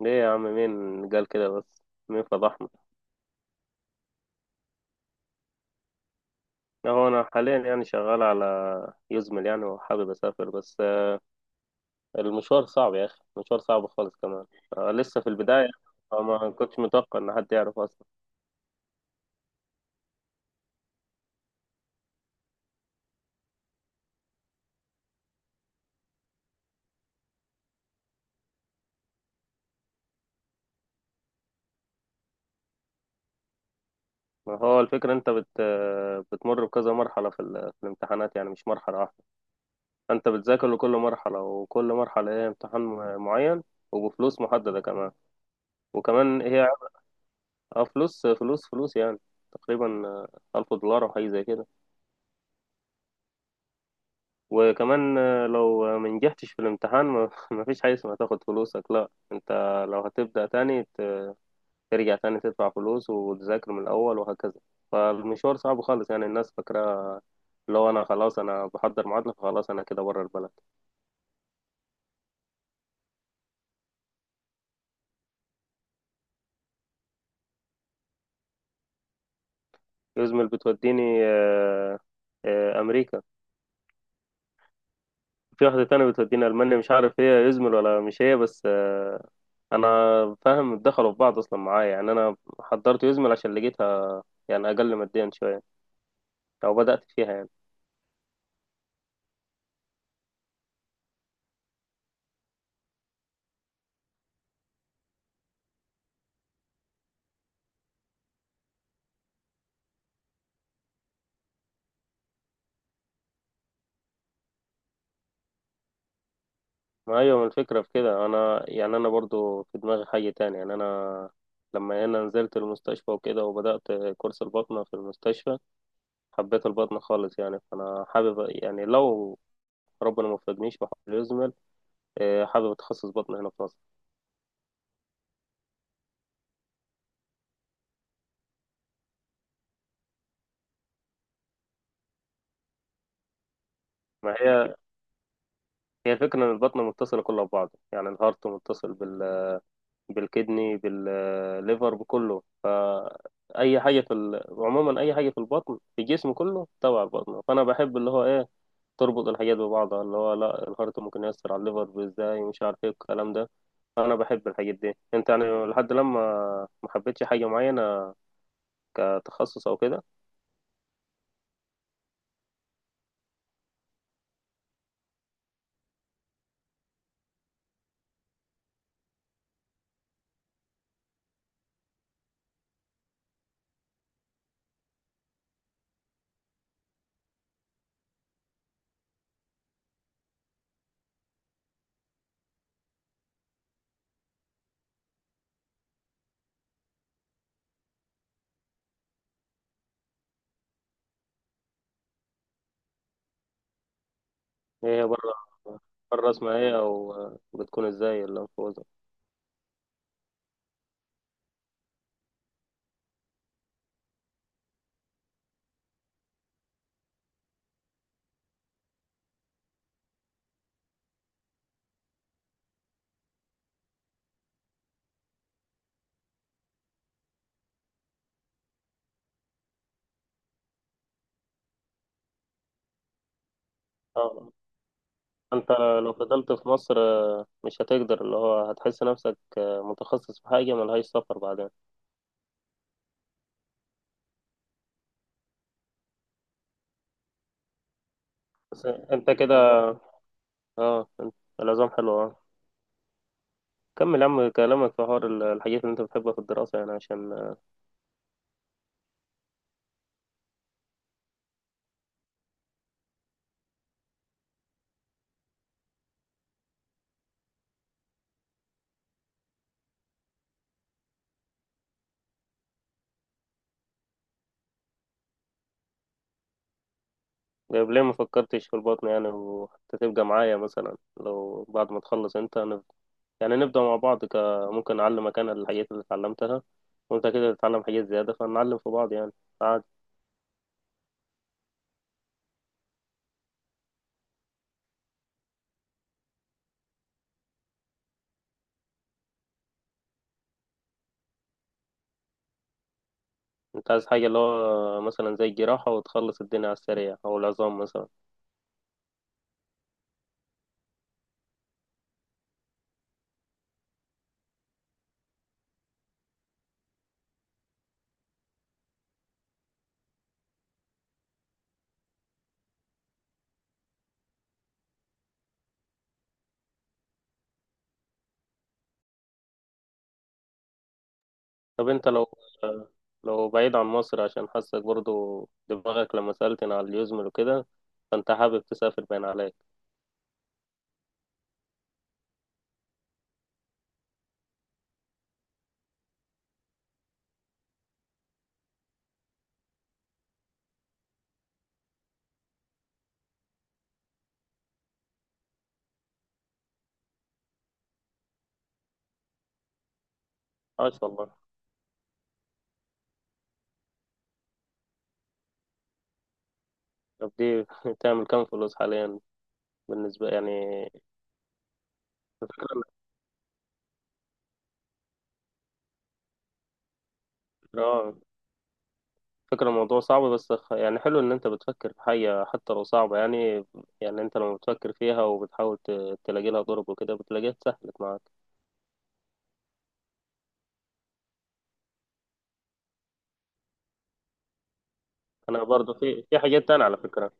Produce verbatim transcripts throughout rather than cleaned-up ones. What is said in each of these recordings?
ليه يا عم؟ مين قال كده بس؟ مين فضحنا؟ هو انا حاليا يعني شغال على يزمل يعني وحابب اسافر، بس المشوار صعب يا اخي، مشوار صعب خالص كمان. آه، لسه في البداية، فما كنتش متوقع ان حد يعرف اصلا. ما هو الفكرة انت بت بتمر بكذا مرحلة في, ال... في الامتحانات، يعني مش مرحلة واحدة. انت بتذاكر لكل مرحلة، وكل مرحلة هي امتحان م- معين، وبفلوس محددة كمان. وكمان هي آه، فلوس فلوس فلوس يعني. تقريبا آه، ألف دولار أو حاجة زي كده. وكمان آه، لو ما نجحتش في الامتحان، ما ما فيش حاجة اسمها تاخد فلوسك، لا انت لو هتبدأ تاني، ت- ترجع تاني تدفع فلوس وتذاكر من الأول، وهكذا. فالمشوار صعب خالص، يعني الناس فاكرة لو أنا خلاص أنا بحضر معادلة فخلاص أنا كده بره البلد. يزمل بتوديني آه، آه، أمريكا. في واحدة تانية بتوديني ألمانيا، مش عارف هي يزمل ولا مش هي، بس آه، أنا فاهم دخلوا في بعض أصلا معايا. يعني أنا حضرت يزمل عشان لقيتها يعني أقل ماديا شوية، أو بدأت فيها يعني. ما ايوه، ما الفكره في كده. انا يعني انا برضو في دماغي حاجه تانية. يعني انا لما هنا نزلت المستشفى وكده، وبدات كورس البطنه في المستشفى، حبيت البطنه خالص. يعني فانا حابب، يعني لو ربنا ما وفقنيش وحاول يزمل، إيه، حابب اتخصص بطنه هنا في مصر. ما هي، هي فكره ان البطنه متصله كلها ببعض، يعني الهارت متصل بال بالكدني بالليفر بكله، فاي حاجه في ال... عموما اي حاجه في البطن في الجسم كله تبع البطنه. فانا بحب اللي هو ايه، تربط الحاجات ببعضها، اللي هو لا، الهارت ممكن يأثر على الليفر ازاي، ومش عارف ايه الكلام ده. انا بحب الحاجات دي. انت يعني لحد لما، ما حبيتش حاجة معينة كتخصص او كده؟ إيه هي بره، بره اسمها ايه، او بتكون ازاي الانفوزة؟ اه. انت لو فضلت في مصر مش هتقدر، اللي هو هتحس نفسك متخصص في حاجة ملهاش سفر بعدين. بس انت كده، اه انت. العظام حلو، اه. كمل يا عم كلامك، في حوار الحاجات اللي انت بتحبها في الدراسة يعني، عشان. طيب ليه ما فكرتش في البطن يعني؟ وحتى تبقى معايا مثلا، لو بعد ما تخلص انت نب... يعني نبدأ مع بعض ك... ممكن أعلمك أنا الحاجات اللي اتعلمتها، وأنت كده تتعلم حاجات زيادة، فنعلم في بعض يعني عادي. أنت عايز حاجة اللي هو مثلا زي الجراحة وتخلص الدنيا على السريع، أو العظام مثلا؟ طب أنت لو، لو بعيد عن مصر، عشان حاسك برضو دماغك لما سألتني على اليوزمل وكده، فأنت حابب تسافر باين عليك. عاش والله. طب دي تعمل كام فلوس حاليا، بالنسبة يعني؟ اه، فكرة الموضوع صعب، بس خ- يعني حلو ان انت بتفكر في حاجة حتى لو صعبة يعني. يعني انت لما بتفكر فيها وبتحاول ت- تلاقي لها ضرب وكده، بتلاقيها اتسهلت معاك. انا برضه في في حاجات تانية على فكرة.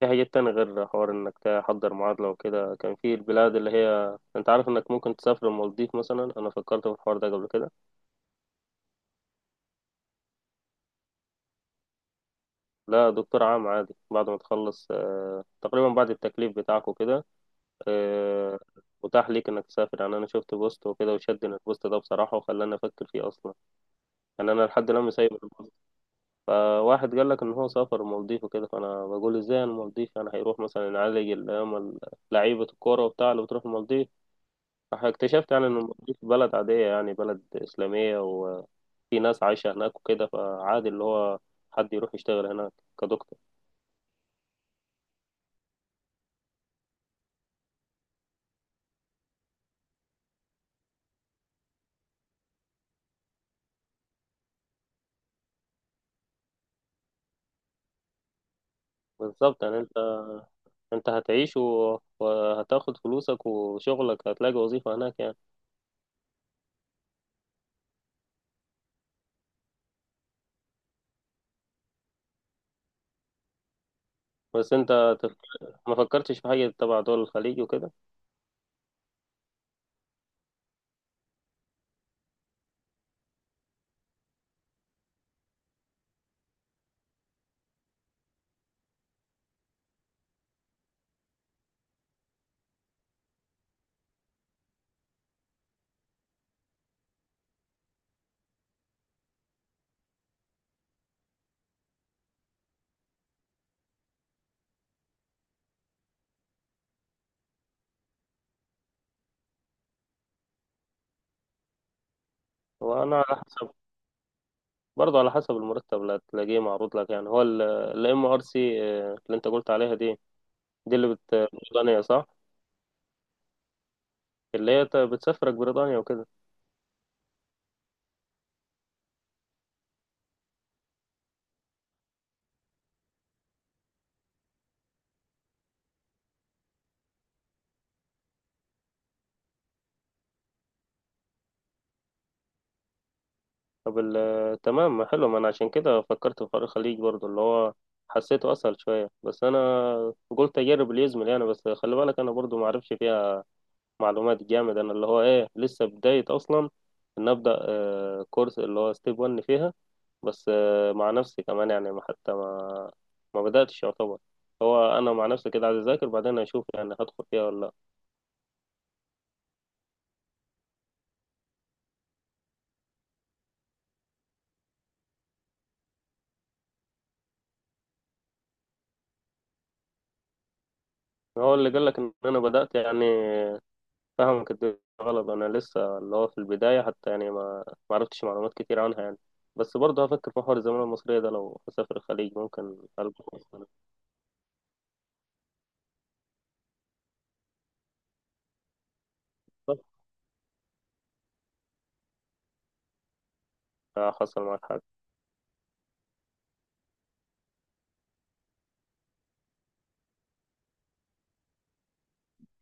في حاجات تانية غير حوار انك تحضر معادلة وكده. كان في البلاد اللي هي انت عارف انك ممكن تسافر المالديف مثلا، انا فكرت في الحوار ده قبل كده. لا، دكتور عام عادي، بعد ما تخلص آه، تقريبا بعد التكليف بتاعك وكده. آه، متاح ليك انك تسافر يعني. انا شفت بوست وكده وشدني البوست ده بصراحة، وخلاني افكر فيه اصلا، يعني انا لحد الان سايب البوست. فواحد قال لك ان هو سافر المالديف وكده، فانا بقول ازاي المالديف؟ يعني هيروح مثلا يعالج اللي هم لعيبة الكورة وبتاع اللي بتروح المالديف. فاكتشفت يعني ان المالديف بلد عادية، يعني بلد اسلامية وفي ناس عايشة هناك وكده، فعادي اللي هو حد يروح يشتغل هناك كدكتور. بالظبط يعني انت، انت هتعيش و- وهتاخد فلوسك وشغلك، هتلاقي وظيفة هناك يعني. بس انت تف- ما فكرتش في حاجة تبع دول الخليج وكده؟ وانا على حسب، برضه على حسب المرتب اللي هتلاقيه معروض لك يعني. هو الام ار سي اللي انت قلت عليها دي، دي اللي بت بريطانيا صح؟ اللي هي ت- بتسافرك بريطانيا وكده. طب ال- آه، تمام، ما حلو. ما انا عشان كده فكرت في حوار الخليج برضه، اللي هو حسيته اسهل شوية، بس انا قلت اجرب اللي يزمل يعني. بس خلي بالك انا برضه ما اعرفش فيها معلومات جامد، انا اللي هو ايه لسه بداية اصلا، ان ابدا آه، كورس اللي هو ستيب واحد فيها. بس آه، مع نفسي كمان يعني، ما حتى ما، ما بدأتش يعتبر. هو أنا مع نفسي كده عايز أذاكر بعدين أشوف يعني هدخل فيها ولا لأ. هو اللي قال لك إن أنا بدأت يعني فهمك الدنيا غلط. أنا لسه اللي هو في البداية حتى يعني، ما ما عرفتش معلومات كتير عنها يعني. بس برضه هفكر في حوار الزمالة المصرية ده، لو هسافر الخليج ممكن ألقى فرصة. آه، حصل معاك حاجة؟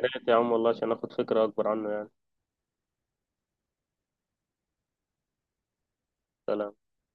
يا ريت يا عم والله، عشان آخد فكرة أكبر عنه يعني. سلام.